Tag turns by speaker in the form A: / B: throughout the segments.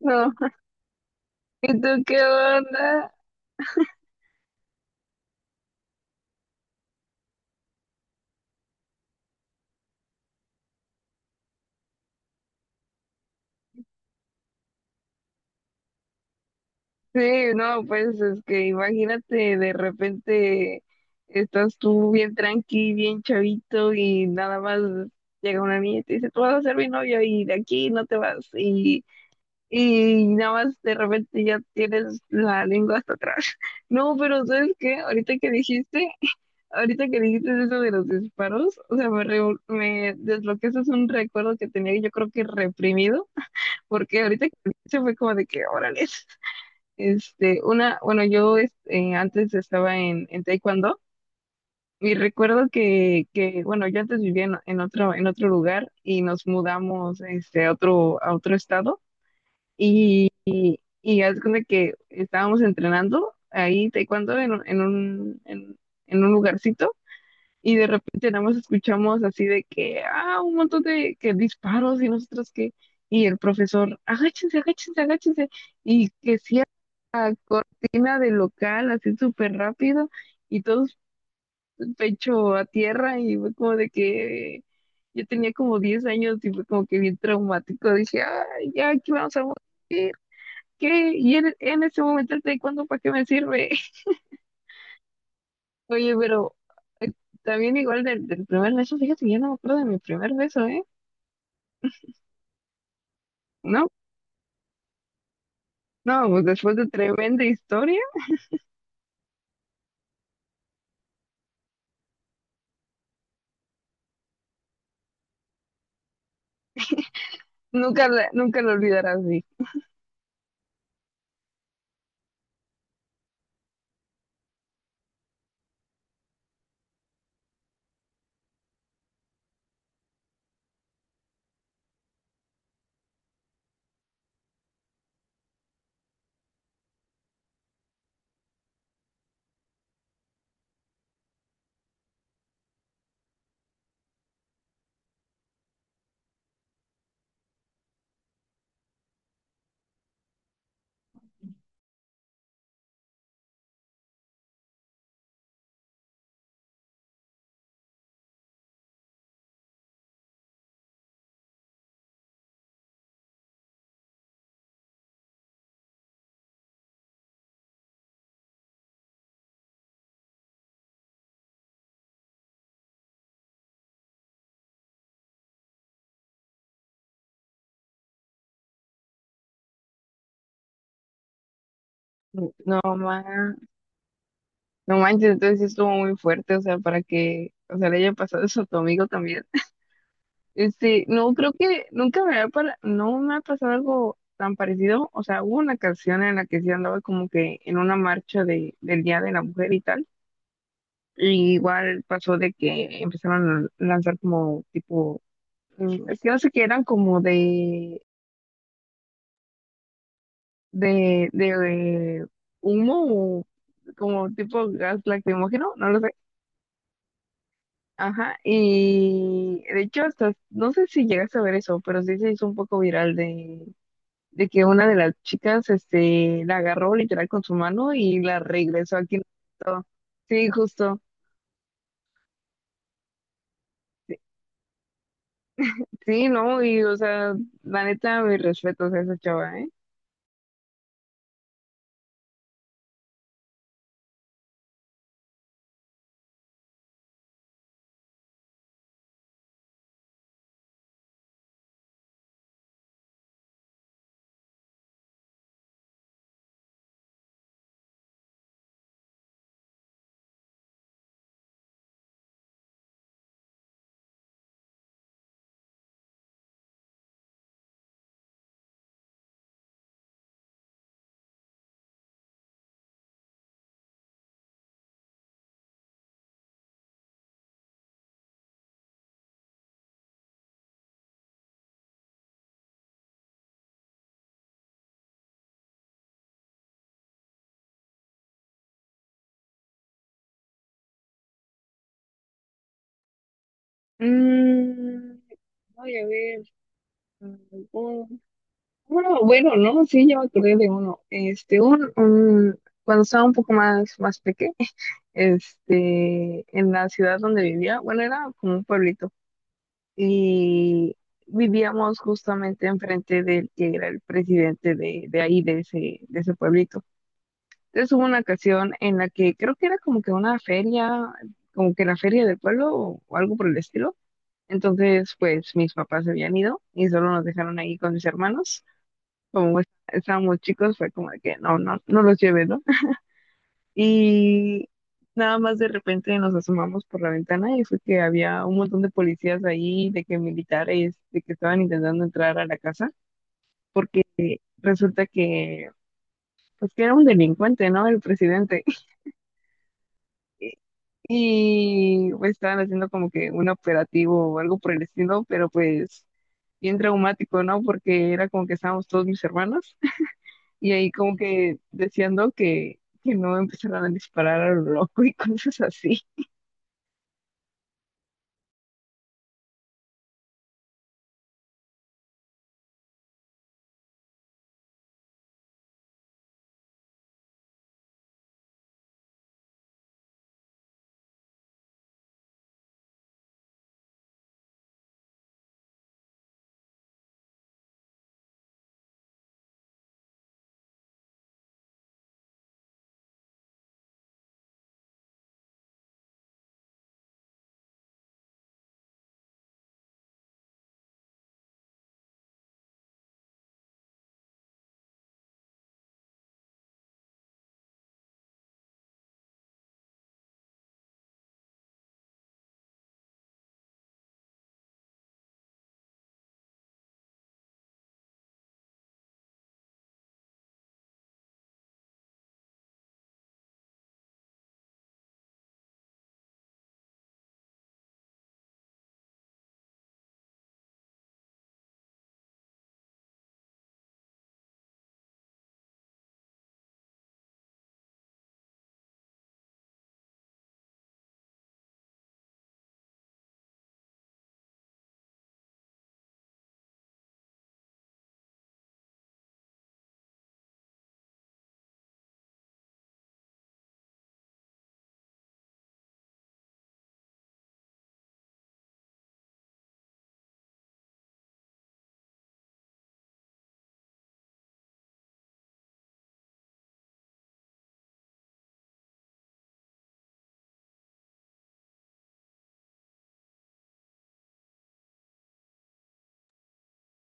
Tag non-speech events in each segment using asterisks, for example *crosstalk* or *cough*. A: No, ¿y tú qué onda? Sí, no, pues es que imagínate, de repente estás tú bien tranqui, bien chavito y nada más llega una niña y te dice, tú vas a ser mi novio y de aquí no te vas, y nada más de repente ya tienes la lengua hasta atrás. *laughs* No, pero ¿sabes qué? Ahorita que dijiste eso de los disparos, o sea, me desbloqueaste un recuerdo que tenía, yo creo, que reprimido porque ahorita que se fue como de que, órale, este, una, bueno, yo es- antes estaba en, Taekwondo y recuerdo que, bueno, yo antes vivía en otro, en otro lugar y nos mudamos, este, a otro estado y haz de cuenta que estábamos entrenando ahí Taekwondo en en un lugarcito y de repente nada más escuchamos así de que, ah, un montón de que disparos, y nosotros que... Y el profesor, agáchense, agáchense, agáchense, y que cierra cortina de local así súper rápido, y todos pecho a tierra, y fue como de que yo tenía como 10 años y fue como que bien traumático. Dije, ay, ya aquí vamos a morir, ¿qué? Y en ese momento, el taekwondo, ¿para qué me sirve? *laughs* Oye, pero... eh, también, igual, del, del primer beso, fíjate que yo no me acuerdo de mi primer beso, ¿eh? No, no, pues después de tremenda historia, nunca, la- nunca lo olvidarás, dije. No, ma, no manches, entonces sí estuvo muy fuerte, o sea, para que, o sea, le haya pasado eso a tu amigo también. Este, no, creo que nunca me ha... Para, no me ha pasado algo tan parecido, o sea, hubo una canción en la que sí andaba como que en una marcha de, del Día de la Mujer y tal, y igual pasó de que empezaron a lanzar como tipo, mm, es que no sé qué, eran como de de humo, como tipo gas lacrimógeno, no lo sé. Ajá, y de hecho, hasta, no sé si llegaste a ver eso, pero sí se hizo un poco viral de que una de las chicas, este, la agarró literal con su mano y la regresó aquí. Sí, justo. Sí, sí, no, y o sea, la neta, mis respetos a esa chava, ¿eh? Mm, voy a ver. Bueno, bueno, no, sí, ya me acordé de uno. Este, cuando estaba un poco más, más pequeño, *laughs* este, en la ciudad donde vivía, bueno, era como un pueblito, y vivíamos justamente enfrente del que era el presidente de ahí, de ese pueblito. Entonces hubo una ocasión en la que creo que era como que una feria, como que la feria del pueblo o algo por el estilo. Entonces, pues mis papás se habían ido y solo nos dejaron ahí con mis hermanos, como es- estábamos chicos, fue como de que no, no, no los llevé, ¿no? *laughs* Y nada más de repente nos asomamos por la ventana y fue que había un montón de policías ahí, de que militares, de que estaban intentando entrar a la casa, porque resulta que, pues que era un delincuente, ¿no? El presidente. *laughs* Y pues estaban haciendo como que un operativo o algo por el estilo, pero pues bien traumático, ¿no? Porque era como que estábamos todos mis hermanos. Y ahí como que deseando que no empezaran a disparar a lo loco y *laughs* cosas así.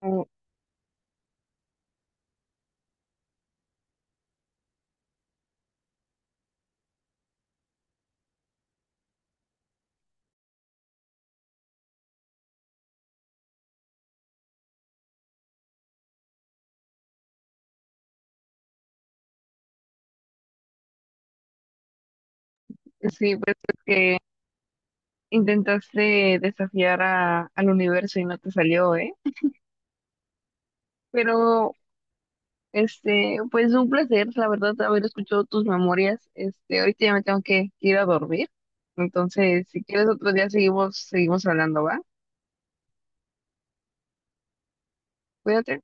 A: Como... Sí, pues es que intentaste desafiar a, al universo y no te salió, ¿eh? Pero, este, pues un placer, la verdad, haber escuchado tus memorias. Este, ahorita ya me tengo que ir a dormir. Entonces, si quieres otro día seguimos, seguimos hablando, ¿va? Cuídate.